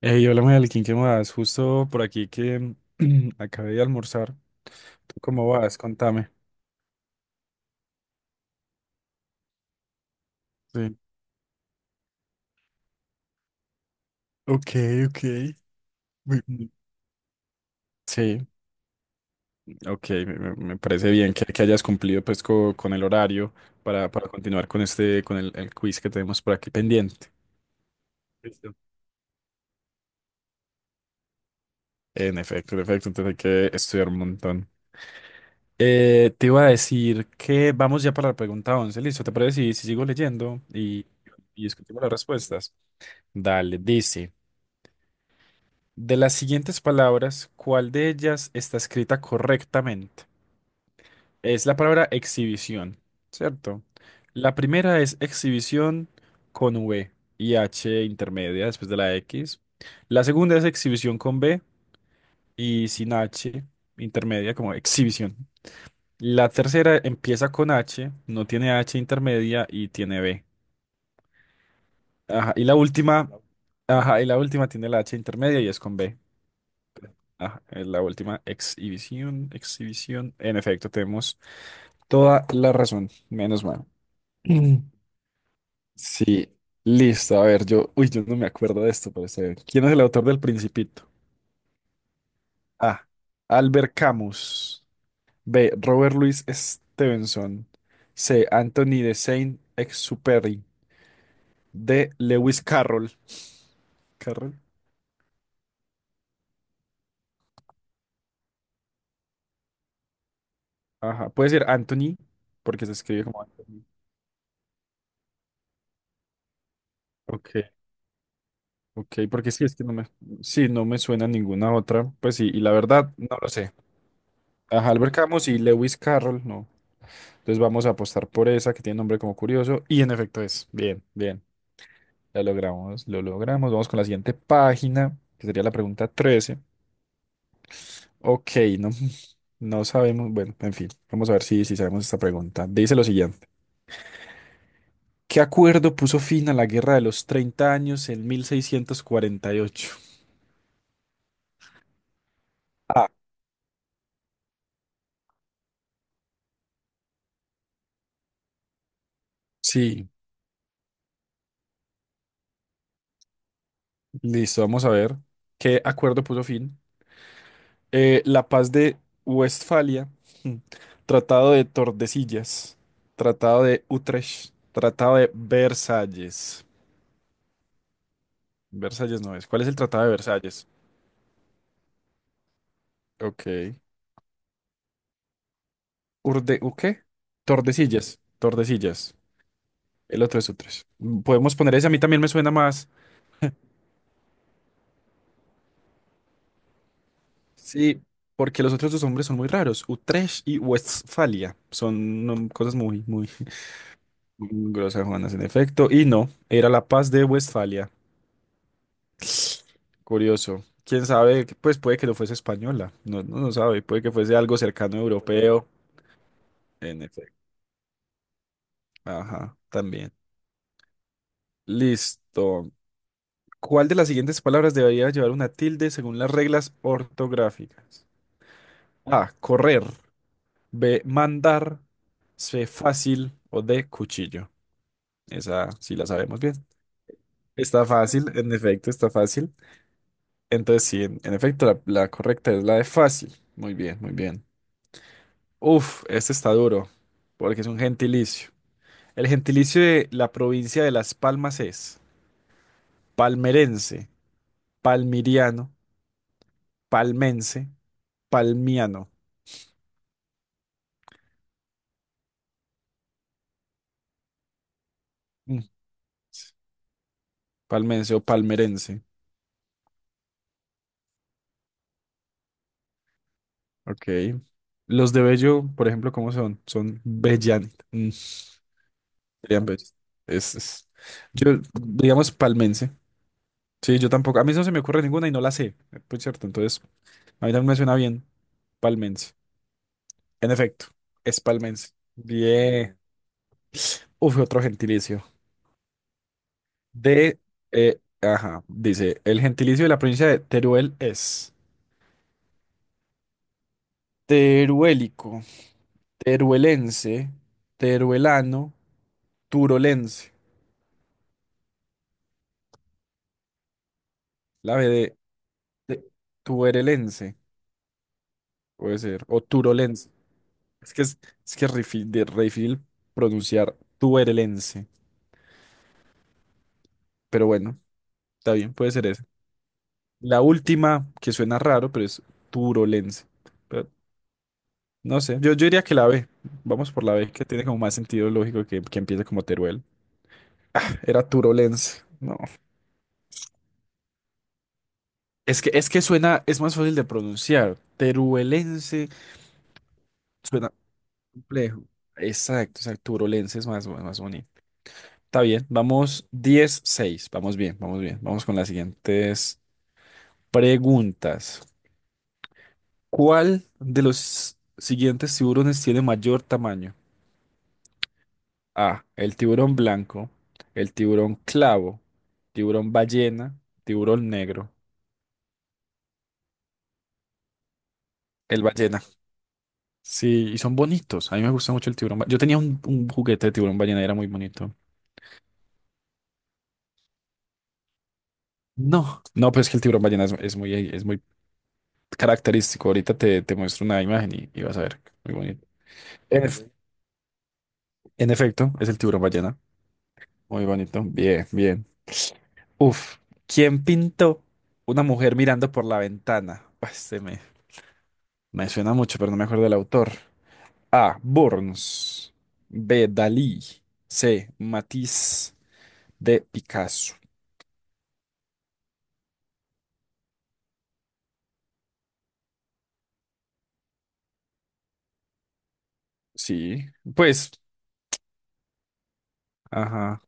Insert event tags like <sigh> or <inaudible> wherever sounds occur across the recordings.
Hey, hola Melkin, ¿qué más? Justo por aquí que <clears throat> acabé de almorzar. ¿Tú cómo vas? Contame. Sí. Ok, ok. Muy bien. Sí, ok, me parece bien que hayas cumplido pues con el horario para continuar con este, con el quiz que tenemos por aquí pendiente. Listo. En efecto, entonces hay que estudiar un montón. Te iba a decir que vamos ya para la pregunta 11, listo, ¿te parece si, si sigo leyendo y discutimos las respuestas? Dale, dice. De las siguientes palabras, ¿cuál de ellas está escrita correctamente? Es la palabra exhibición, ¿cierto? La primera es exhibición con V y H intermedia después de la X. La segunda es exhibición con B y sin H intermedia como exhibición. La tercera empieza con H, no tiene H intermedia y tiene B. Ajá, y la última, ajá, y la última tiene la H intermedia y es con B. Ah, es la última exhibición, exhibición. En efecto, tenemos toda la razón, menos mal. Mm. Sí, listo. A ver, yo, uy, yo no me acuerdo de esto, pero está bien. ¿Quién es el autor del Principito? A. Albert Camus. B. Robert Louis Stevenson. C. Anthony de Saint-Exupéry. D. Lewis Carroll. Carroll. Ajá, puede ser Anthony, porque se escribe como Anthony. Ok. Ok, porque sí es que no me, sí, no me suena ninguna otra. Pues sí, y la verdad, no lo sé. Ajá, Albert Camus y Lewis Carroll, no. Entonces vamos a apostar por esa que tiene nombre como curioso. Y en efecto es. Bien, bien. La logramos, lo logramos. Vamos con la siguiente página, que sería la pregunta 13. Ok, no, <laughs> no sabemos. Bueno, en fin, vamos a ver si, si sabemos esta pregunta. Dice lo siguiente. ¿Qué acuerdo puso fin a la Guerra de los 30 años en 1648? Ah, sí, listo, vamos a ver qué acuerdo puso fin. La paz de Westfalia, <laughs> Tratado de Tordesillas, Tratado de Utrecht, Tratado de Versalles. Versalles no es. ¿Cuál es el Tratado de Versalles? Ok. Urde, ¿u qué? Tordesillas, Tordesillas. El otro es Utrecht. Podemos poner ese, a mí también me suena más. Sí, porque los otros dos nombres son muy raros. Utrecht y Westfalia son cosas muy, muy Grosa Juanas, en efecto. Y no, era la Paz de Westfalia. Curioso. Quién sabe, pues puede que no fuese española. No, no, no sabe. Puede que fuese algo cercano europeo. En efecto. Ajá, también. Listo. ¿Cuál de las siguientes palabras debería llevar una tilde según las reglas ortográficas? A. Correr. B. Mandar. C. Fácil. O D. Cuchillo. Esa sí la sabemos bien. Está fácil, en efecto, está fácil. Entonces, sí, en efecto, la correcta es la de fácil. Muy bien, muy bien. Uf, este está duro, porque es un gentilicio. El gentilicio de la provincia de Las Palmas es palmerense, palmiriano, palmense, palmiano. Mm, sí, palmense o palmerense. Ok. Los de Bello, por ejemplo, ¿cómo son? Son bellanos. Serían bellos. Es, es- Yo, digamos, palmense. Sí, yo tampoco. A mí no se me ocurre ninguna y no la sé. Pues cierto, entonces. A mí también me suena bien. Palmense. En efecto, es palmense. Bien. Uf, otro gentilicio. De, ajá, dice, el gentilicio de la provincia de Teruel es teruélico, teruelense, teruelano, turolense. La B de tuerelense, puede ser, o turolense. Es que es, es que es re difícil re difícil pronunciar tuerelense, pero bueno, está bien, puede ser eso. La última, que suena raro, pero es turolense. Pero, no sé, yo diría que la B. Vamos por la B, que tiene como más sentido lógico que empiece como Teruel. Era turolense. No. Es que suena, es más fácil de pronunciar. Teruelense suena complejo. Exacto, exacto. Turolense es más, más bonito. Está bien, vamos diez seis, vamos bien, vamos bien. Vamos con las siguientes preguntas. ¿Cuál de los siguientes tiburones tiene mayor tamaño? A. El tiburón blanco. El tiburón clavo. Tiburón ballena. Tiburón negro. El ballena. Sí, y son bonitos. A mí me gusta mucho el tiburón. Yo tenía un juguete de tiburón ballena y era muy bonito. No, no, pues es que el tiburón ballena es muy característico. Ahorita te, te muestro una imagen y vas a ver. Muy bonito. En, ef- en efecto, es el tiburón ballena. Muy bonito. Bien, bien. Uf. ¿Quién pintó una mujer mirando por la ventana? Pues se me, me suena mucho, pero no me acuerdo del autor. A. Burns. B. Dalí. C. Matisse. D. Picasso. Sí, pues, ajá.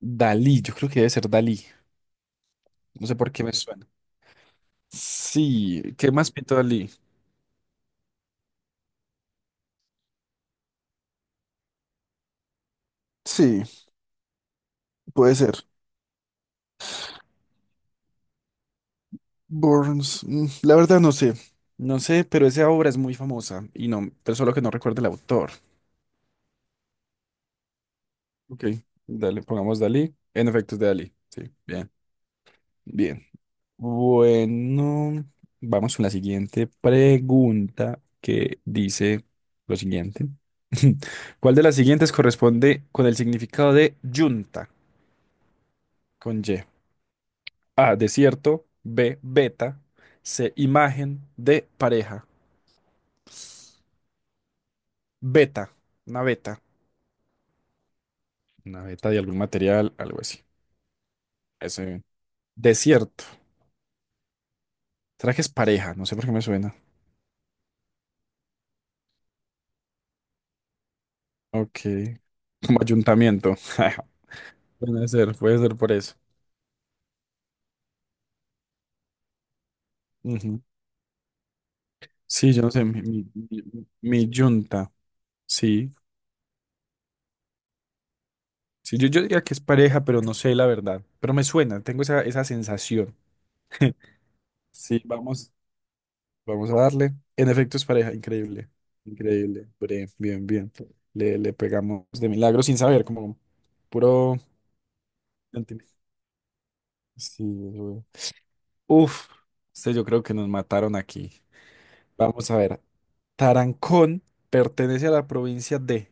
Dalí, yo creo que debe ser Dalí. No sé por qué me suena. Sí, ¿qué más pintó Dalí? Sí, puede ser. Burns, la verdad no sé. No sé, pero esa obra es muy famosa y no, pero solo que no recuerdo el autor. Ok, dale, pongamos Dalí. En efecto, es de Dalí. Sí, bien. Bien. Bueno, vamos con la siguiente pregunta que dice lo siguiente. <laughs> ¿Cuál de las siguientes corresponde con el significado de yunta con Y? A, desierto, B, beta, C, imagen, D, pareja. Beta, una beta. Una beta de algún material, algo así. Eso. Desierto. ¿Trajes pareja? No sé por qué me suena. Ok. Como ayuntamiento. <laughs> Puede ser por eso. Ujú. Sí, yo no sé, mi yunta, sí. Sí, yo diría que es pareja, pero no sé la verdad. Pero me suena, tengo esa, esa sensación. <laughs> Sí, vamos, vamos a darle. En efecto, es pareja, increíble, increíble. Bre, bien, bien. Le pegamos de milagro sin saber, como puro. Sí, güey. Uf, este yo creo que nos mataron aquí. Vamos a ver. Tarancón pertenece a la provincia de.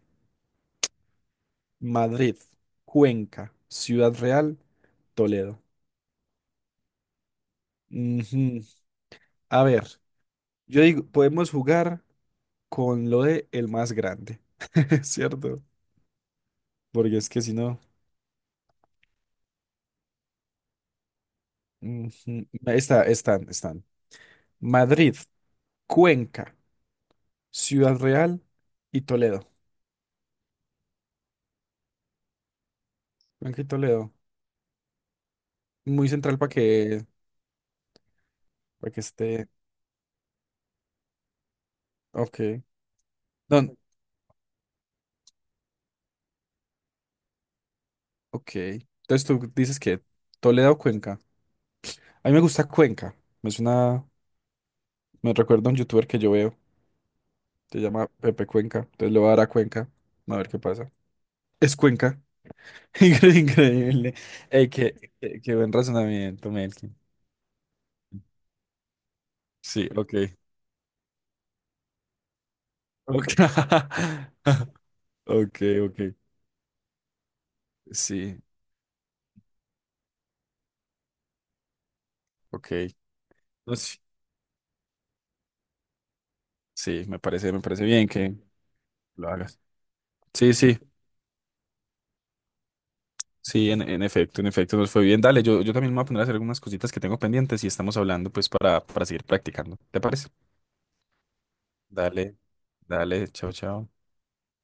Madrid, Cuenca, Ciudad Real, Toledo. Ujú. A ver, yo digo, podemos jugar con lo de el más grande, <laughs> ¿cierto? Porque es que si no, ujú, no, están, están. Madrid, Cuenca, Ciudad Real y Toledo. Cuenca y Toledo. Muy central para que esté. Ok. Don, ok. Entonces tú dices que Toledo o Cuenca. A mí me gusta Cuenca. Es una, me recuerda a un youtuber que yo veo. Se llama Pepe Cuenca. Entonces le voy a dar a Cuenca. A ver qué pasa. Es Cuenca. <laughs> Incre- Increíble. Ey, qué, qué, qué buen razonamiento, Melkin. Sí, ok. Ok, <laughs> ok. Ok. Sí, ok. No, sí, sí, me parece bien que lo hagas. Sí, sí, sí, en efecto, nos fue bien. Dale, yo también me voy a poner a hacer algunas cositas que tengo pendientes y estamos hablando pues para seguir practicando. ¿Te parece? Dale, dale, chao, chao.